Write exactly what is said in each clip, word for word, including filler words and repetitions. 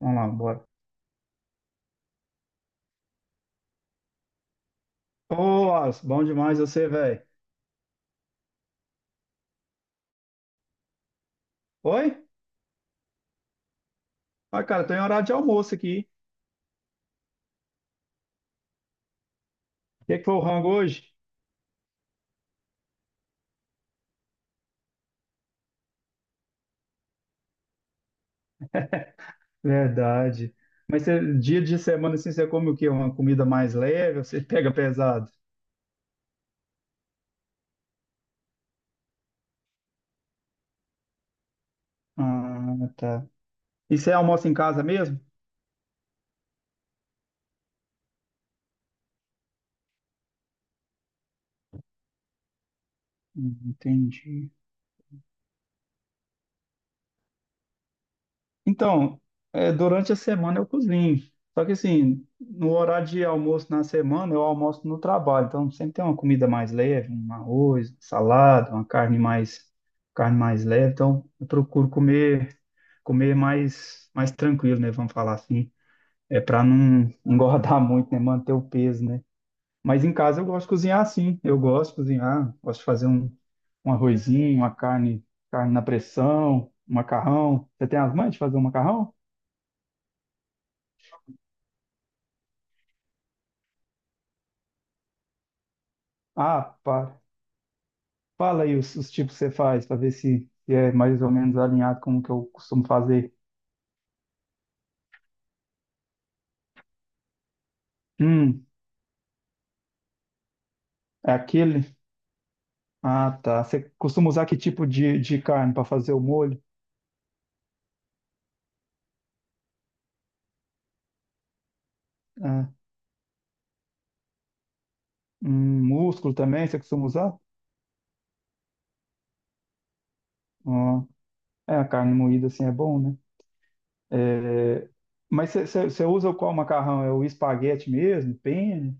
Vamos lá, bora. Ô, Alisson, bom demais você, velho. Oi? Ah, cara, tô em horário de almoço aqui. O que é que foi o rango hoje? Verdade. Mas você, dia de semana, assim, você come o quê? Uma comida mais leve ou você pega pesado? Ah, tá. E você almoça em casa mesmo? Hum, Entendi. Então, é, durante a semana eu cozinho. Só que assim, no horário de almoço na semana, eu almoço no trabalho. Então sempre tem uma comida mais leve, um arroz, salada, uma carne mais, carne mais leve. Então eu procuro comer, comer mais, mais tranquilo, né? Vamos falar assim. É para não engordar muito, né? Manter o peso, né? Mas em casa eu gosto de cozinhar assim. Eu gosto de cozinhar, gosto de fazer um, um arrozinho, uma carne, carne na pressão, um macarrão. Você tem as mães de fazer um macarrão? Ah, para. Fala aí os, os tipos que você faz, para ver se, se é mais ou menos alinhado com o que eu costumo fazer. Hum, é aquele? Ah, tá. Você costuma usar que tipo de, de carne para fazer o molho? Ah, hum, músculo também, você costuma usar? Ah, é, a carne moída assim é bom, né? É, mas você você- você usa o qual macarrão? É o espaguete mesmo? Penne?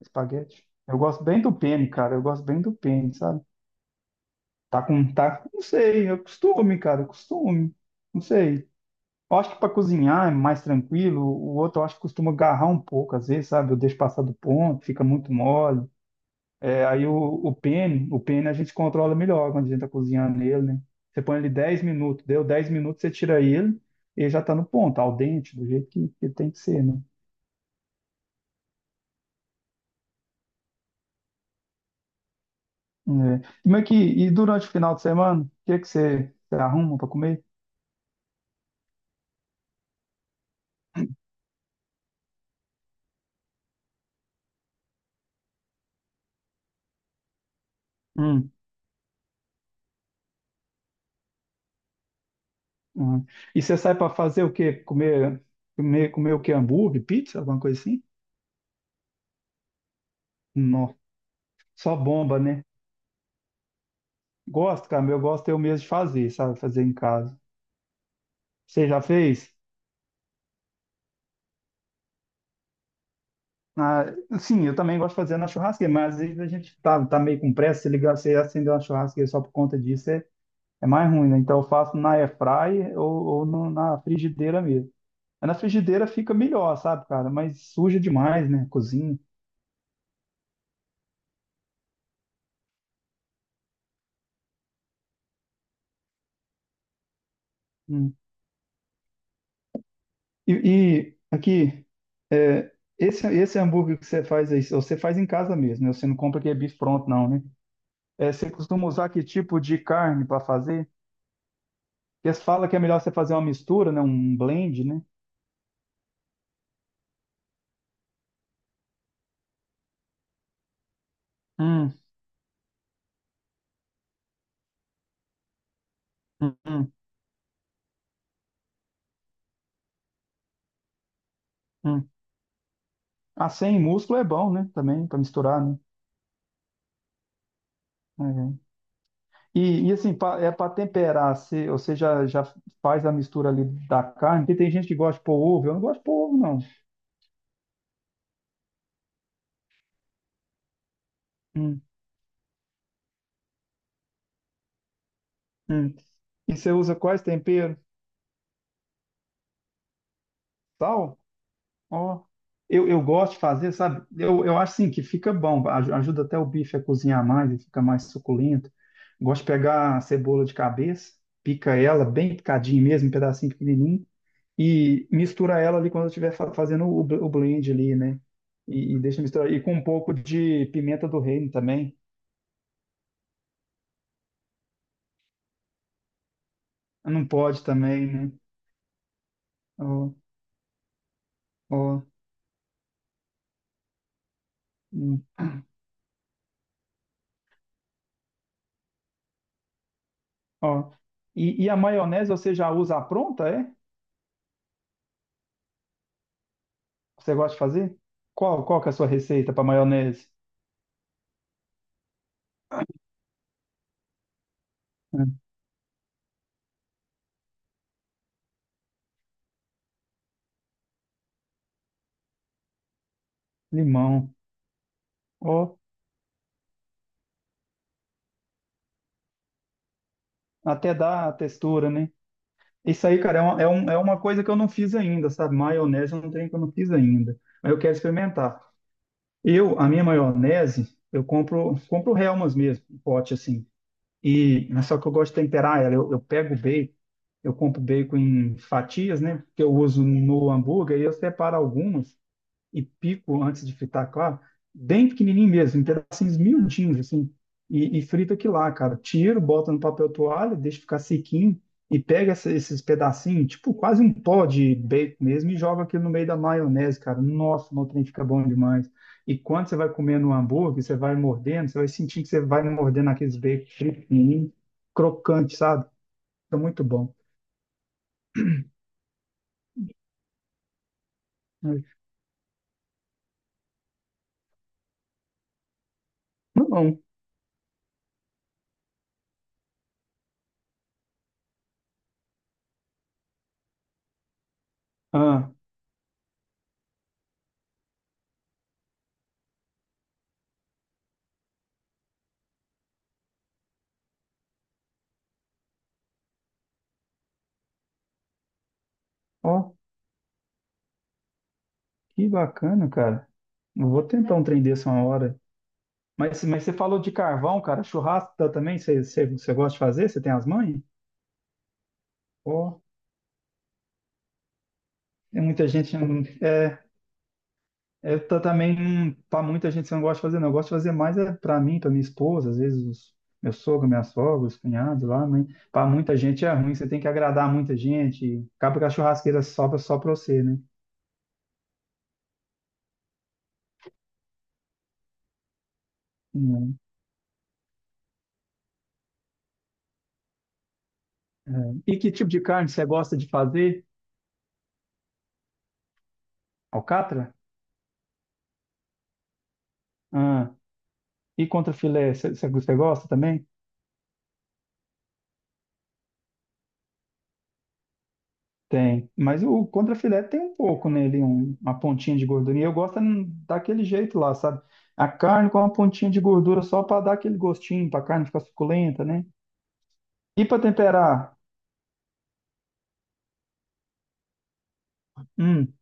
Espaguete? Eu gosto bem do penne, cara. Eu gosto bem do penne, sabe? Tá com, tá, não sei, é costume, cara, é costume. Não sei. Eu acho que para cozinhar é mais tranquilo. O outro eu acho que costuma agarrar um pouco, às vezes, sabe? Eu deixo passar do ponto, fica muito mole. É, aí o, o pene, o pene a gente controla melhor quando a gente tá cozinhando nele, né? Você põe ele dez minutos, deu dez minutos, você tira ele, ele já tá no ponto, ao dente, do jeito que, que tem que ser, né? É. Como é que, e durante o final de semana, o que é que você, você arruma para comer? Hum, hum. E você sai para fazer o quê? Comer, comer, comer o quê? Hambúrguer, pizza, alguma coisa assim? Nossa, só bomba, né? Gosto, cara, eu gosto eu mesmo de fazer, sabe? Fazer em casa. Você já fez? Ah, sim, eu também gosto de fazer na churrasqueira, mas às vezes a gente tá, tá meio com pressa, se ligar, você acender uma churrasqueira só por conta disso é, é mais ruim, né? Então eu faço na airfryer ou, ou no- na frigideira mesmo. Mas na frigideira fica melhor, sabe, cara? Mas suja demais, né? Cozinha. Hum. E, e aqui, é, esse, esse hambúrguer que você faz aí, você faz em casa mesmo, né? Você não compra aquele bife pronto, não, né? É, você costuma usar que tipo de carne para fazer? Porque se fala que é melhor você fazer uma mistura, né? Um blend, né? Hum, hum, hum, hum. Ah, sem músculo é bom, né? Também, para misturar, né? Uhum. E, e assim, pa- é para temperar, se, você já, já faz a mistura ali da carne, porque tem gente que gosta de pôr ovo, eu não gosto de pôr ovo, não. Hum, hum. E você usa quais temperos? Sal? Ó, eu, eu gosto de fazer, sabe? Eu, eu acho assim que fica bom, aj- ajuda até o bife a cozinhar mais e fica mais suculento. Gosto de pegar a cebola de cabeça, pica ela bem picadinho mesmo, um pedacinho pequenininho, e mistura ela ali quando eu estiver fa- fazendo o, bl- o blend ali, né? E, e deixa misturar. E com um pouco de pimenta do reino também. Não pode também, né? Ó, ó, hum, ó. E, e a maionese você já usa a pronta, é? Você gosta de fazer? Qual, qual que é a sua receita para maionese? É, limão. Ó, até dá a textura, né? Isso aí, cara, é uma, é um- é uma coisa que eu não fiz ainda, sabe? Maionese é um trem que eu não fiz ainda. Mas eu quero experimentar. Eu, a minha maionese, eu compro, compro Hellmann's mesmo, um pote assim. E, mas só que eu gosto de temperar ela. Eu, eu pego o bacon, eu compro bacon em fatias, né? Que eu uso no hambúrguer e eu separo algumas. E pico antes de fritar, claro, bem pequenininho mesmo, em pedacinhos miudinhos, assim, e, e frita aqui lá, cara. Tiro, bota no papel toalha, deixa ficar sequinho e pega essa- esses pedacinhos, tipo quase um pó de bacon mesmo, e joga aquilo no meio da maionese, cara. Nossa, o trem fica bom demais. E quando você vai comendo um hambúrguer, você vai mordendo, você vai sentindo que você vai mordendo aqueles bacon frito, pequenininho, crocante, sabe? Fica muito bom. Não, ah, ó, que bacana, cara. Eu vou tentar um trem desse uma hora. Mas, mas você falou de carvão, cara. Churrasco tá também, você, você, você gosta de fazer? Você tem as manhas? Pô, é muita gente. Não- É, é tá também. Hum, pra muita gente você não gosta de fazer, não. Eu gosto de fazer mais é pra mim, pra minha esposa, às vezes os, meu sogro, minha sogra, os cunhados lá. Mas pra muita gente é ruim, você tem que agradar muita gente. E acaba que a churrasqueira sobra só pra você, né? Hum, é. E que tipo de carne você gosta de fazer? Alcatra? Ah, e contra filé, você, você você gosta também? Tem, mas o contrafilé tem um pouco nele, um- uma pontinha de gordura. E eu gosto hum, daquele jeito lá, sabe? A carne com uma pontinha de gordura só para dar aquele gostinho, para a carne ficar suculenta, né? E para temperar? Hum.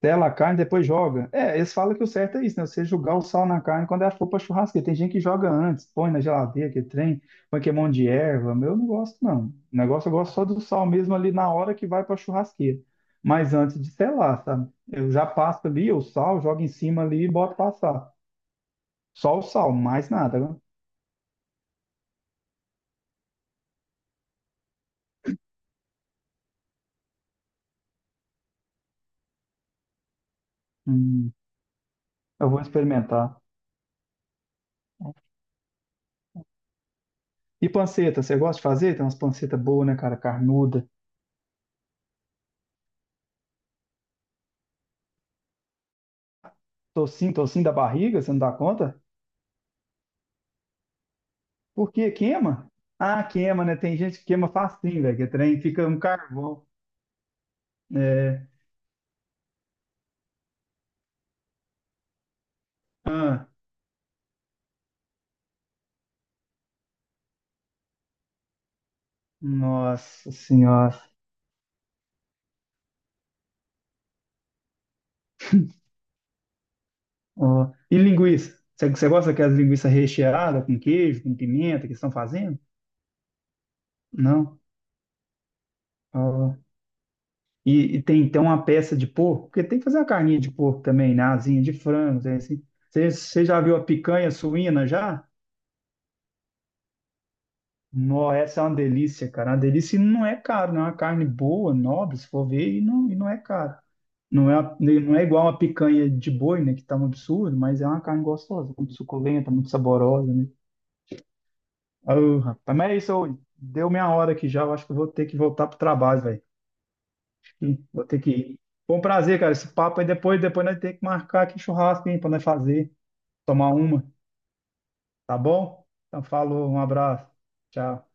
Tela a carne, depois joga. É, eles falam que o certo é isso, né? Você jogar o sal na carne quando ela for pra churrasqueira. Tem gente que joga antes, põe na geladeira, que trem, põe que é monte de erva. Meu, eu não gosto, não. O negócio eu gosto só do sal mesmo ali na hora que vai pra churrasqueira. Mas antes de selar, sabe? Eu já passo ali o sal, jogo em cima ali e boto passar. Só o sal, mais nada, né? Hum, eu vou experimentar. E panceta, você gosta de fazer? Tem umas pancetas boas, né, cara? Carnuda. Tocinho, tocinho da barriga, você não dá conta? Porque queima? Ah, queima, né? Tem gente que queima facinho, velho, que é trem fica um carvão. É. Ah, nossa senhora. Ó. E linguiça? Você você gosta daquelas linguiças recheadas com queijo, com pimenta que estão fazendo? Não. Ó. E, e tem então uma peça de porco, porque tem que fazer uma carninha de porco também, né? Asinha de frango, tem assim. Você, você já viu a picanha suína já? Nó, essa é uma delícia, cara. Uma delícia e não é caro, não é uma carne boa, nobre, se for ver, e não, e não é caro. Não é, uma- não é igual uma picanha de boi, né? Que tá um absurdo, mas é uma carne gostosa, muito suculenta, muito saborosa, né? Oh, rapaz, mas é isso, ô, deu minha hora aqui já. Eu acho que eu vou ter que voltar pro trabalho, velho. Acho que vou ter que ir. Foi um prazer, cara, esse papo aí. Depois, depois nós temos que marcar aqui churrasco, hein, pra nós fazer, tomar uma, tá bom? Então, falou, um abraço. Tchau.